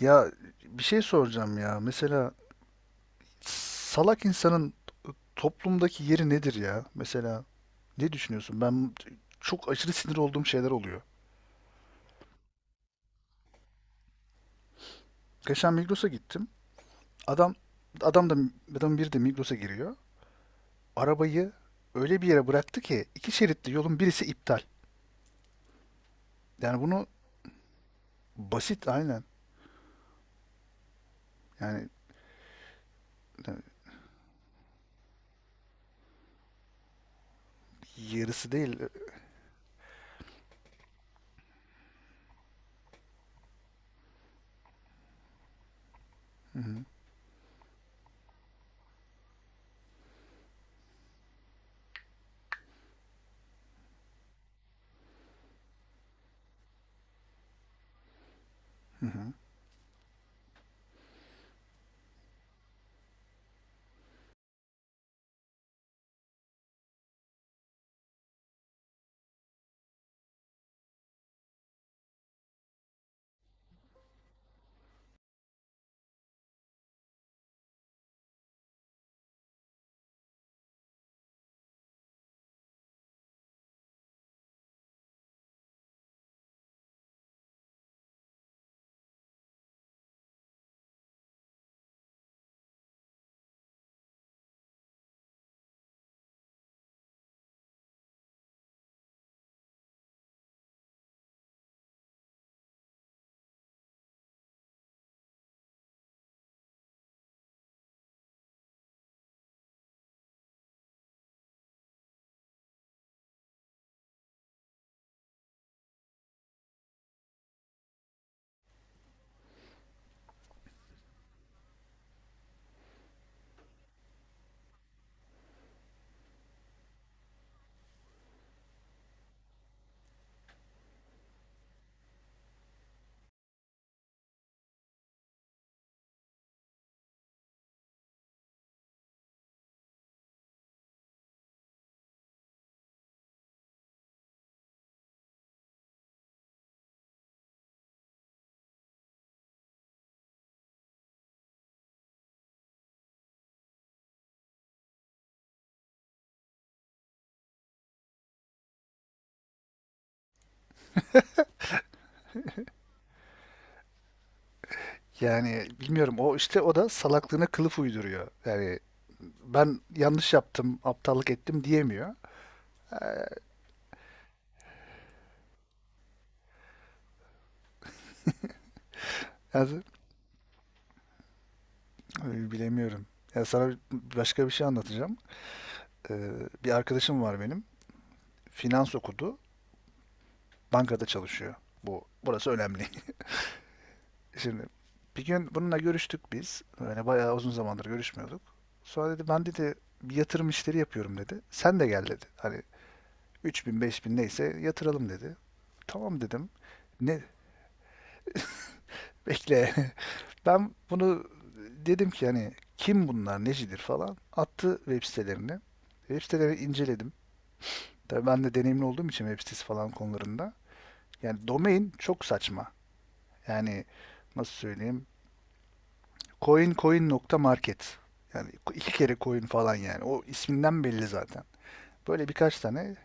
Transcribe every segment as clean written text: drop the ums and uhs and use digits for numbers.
Ya, bir şey soracağım ya. Mesela salak insanın toplumdaki yeri nedir ya? Mesela ne düşünüyorsun? Ben çok aşırı sinir olduğum şeyler oluyor. Geçen Migros'a gittim. Adam adam da adam biri de Migros'a giriyor. Arabayı öyle bir yere bıraktı ki iki şeritli yolun birisi iptal. Yani bunu Basit, aynen. Yani yarısı değil. Hı hı, hı hı. Yani bilmiyorum, o işte o da salaklığına kılıf uyduruyor. Yani ben yanlış yaptım, aptallık ettim diyemiyor. Ya, bilemiyorum. Ya, sana başka bir şey anlatacağım. Ee, Bir arkadaşım var benim. Finans okudu. Bankada çalışıyor. Burası önemli. Şimdi bir gün bununla görüştük biz. Böyle bayağı uzun zamandır görüşmüyorduk. Sonra dedi, ben dedi bir yatırım işleri yapıyorum dedi. Sen de gel dedi. Hani 3000 bin neyse yatıralım dedi. Tamam dedim. Ne? Bekle. Ben bunu dedim ki, hani kim bunlar, necidir falan. Attı web sitelerini. Web sitelerini inceledim. Tabii ben de deneyimli olduğum için web sitesi falan konularında. Yani domain çok saçma. Yani nasıl söyleyeyim? Coin coin.market. Yani iki kere coin falan yani. O isminden belli zaten. Böyle birkaç tane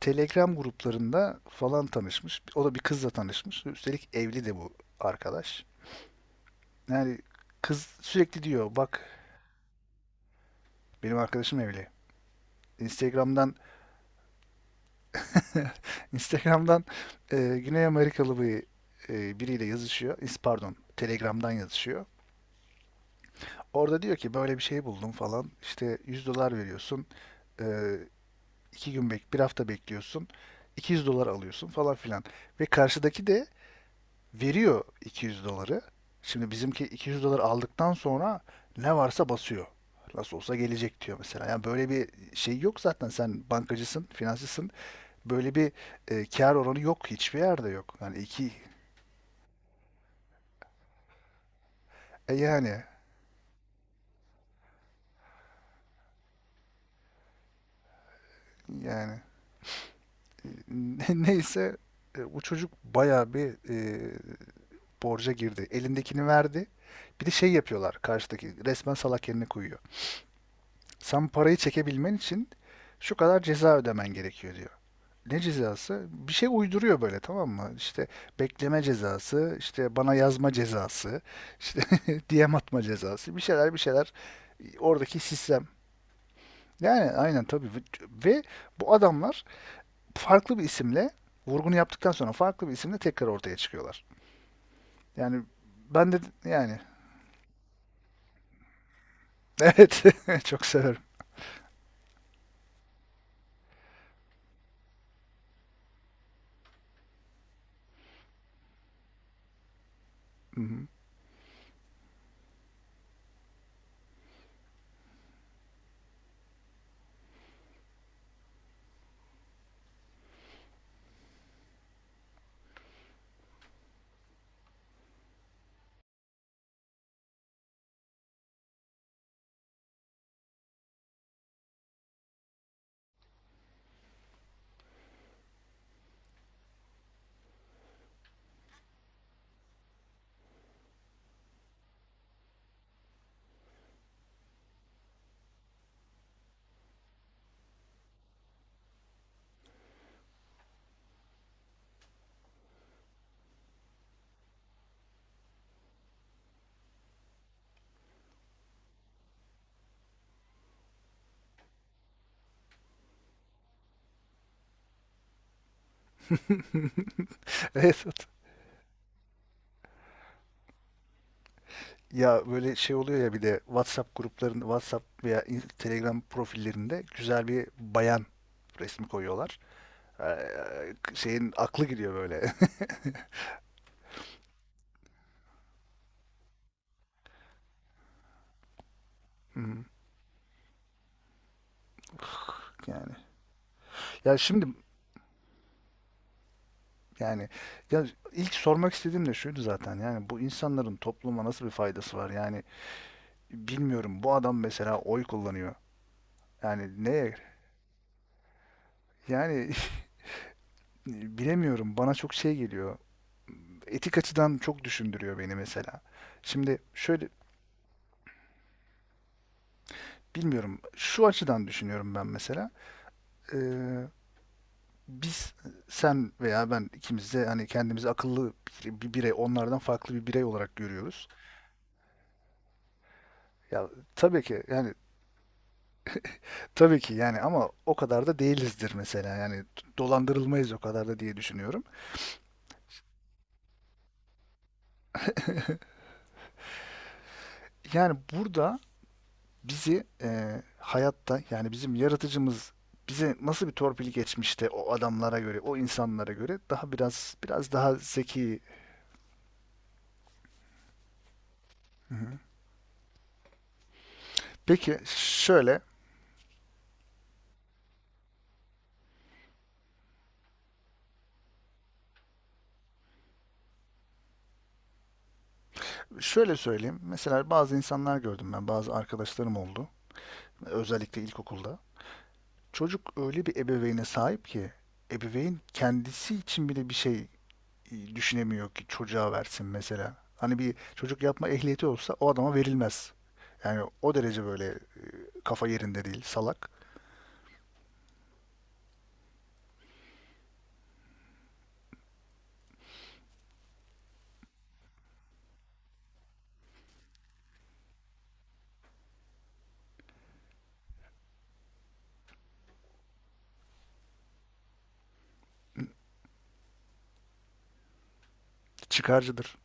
Telegram gruplarında falan tanışmış. O da bir kızla tanışmış. Üstelik evli de bu arkadaş. Yani kız sürekli diyor bak, benim arkadaşım evli. Instagram'dan Instagram'dan, Güney Amerikalı biriyle yazışıyor. Pardon, Telegram'dan yazışıyor. Orada diyor ki böyle bir şey buldum falan. İşte $100 veriyorsun. Ee, bir hafta bekliyorsun. $200 alıyorsun falan filan. Ve karşıdaki de veriyor $200. Şimdi bizimki $200 aldıktan sonra ne varsa basıyor. Nasıl olsa gelecek diyor mesela. Yani böyle bir şey yok zaten. Sen bankacısın, finansçısın. Böyle bir kar oranı yok. Hiçbir yerde yok. Yani iki, e yani yani Neyse, bu çocuk bayağı bir borca girdi. Elindekini verdi. Bir de şey yapıyorlar, karşıdaki resmen salak yerine koyuyor. Sen parayı çekebilmen için şu kadar ceza ödemen gerekiyor diyor. Ne cezası? Bir şey uyduruyor böyle, tamam mı? İşte bekleme cezası, işte bana yazma cezası, işte DM atma cezası, bir şeyler bir şeyler oradaki sistem. Yani aynen, tabii. Ve bu adamlar farklı bir isimle vurgunu yaptıktan sonra farklı bir isimle tekrar ortaya çıkıyorlar. Yani ben de yani Evet, çok severim. Hı hı. Evet. Evet. Ya böyle şey oluyor ya, bir de WhatsApp gruplarında, WhatsApp veya Telegram profillerinde güzel bir bayan resmi koyuyorlar. Şeyin aklı gidiyor böyle. Hı hı. Yani. Ya şimdi, yani, ya ilk sormak istediğim de şuydu zaten. Yani bu insanların topluma nasıl bir faydası var? Yani bilmiyorum. Bu adam mesela oy kullanıyor. Yani ne? Yani bilemiyorum. Bana çok şey geliyor. Etik açıdan çok düşündürüyor beni mesela. Şimdi şöyle, bilmiyorum. Şu açıdan düşünüyorum ben mesela. Ee, Biz, sen veya ben, ikimiz de hani kendimizi akıllı bir birey, onlardan farklı bir birey olarak görüyoruz. Ya tabii ki, yani, ama o kadar da değilizdir mesela. Yani dolandırılmayız o kadar da diye düşünüyorum. Yani burada bizi hayatta, yani bizim yaratıcımız bize nasıl bir torpil geçmişte, o adamlara göre, o insanlara göre daha biraz daha zeki. Peki şöyle söyleyeyim. Mesela bazı insanlar gördüm ben, bazı arkadaşlarım oldu. Özellikle ilkokulda. Çocuk öyle bir ebeveyne sahip ki ebeveyn kendisi için bile bir şey düşünemiyor ki çocuğa versin mesela. Hani bir çocuk yapma ehliyeti olsa o adama verilmez. Yani o derece böyle, kafa yerinde değil, salak. Çıkarcıdır.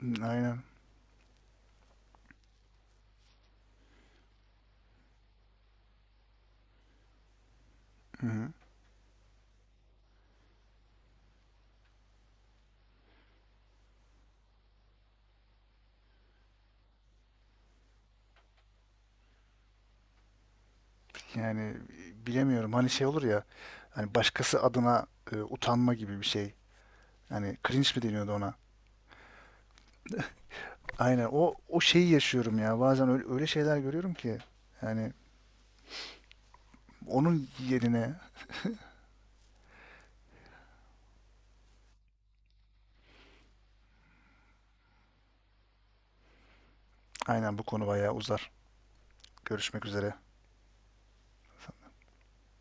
Hı, aynen. Hı hı. Yani bilemiyorum. Hani şey olur ya. Hani başkası adına utanma gibi bir şey. Hani cringe mi deniyordu ona? Aynen. O şeyi yaşıyorum ya. Bazen öyle, öyle şeyler görüyorum ki. Yani onun yerine, aynen, bu konu bayağı uzar. Görüşmek üzere.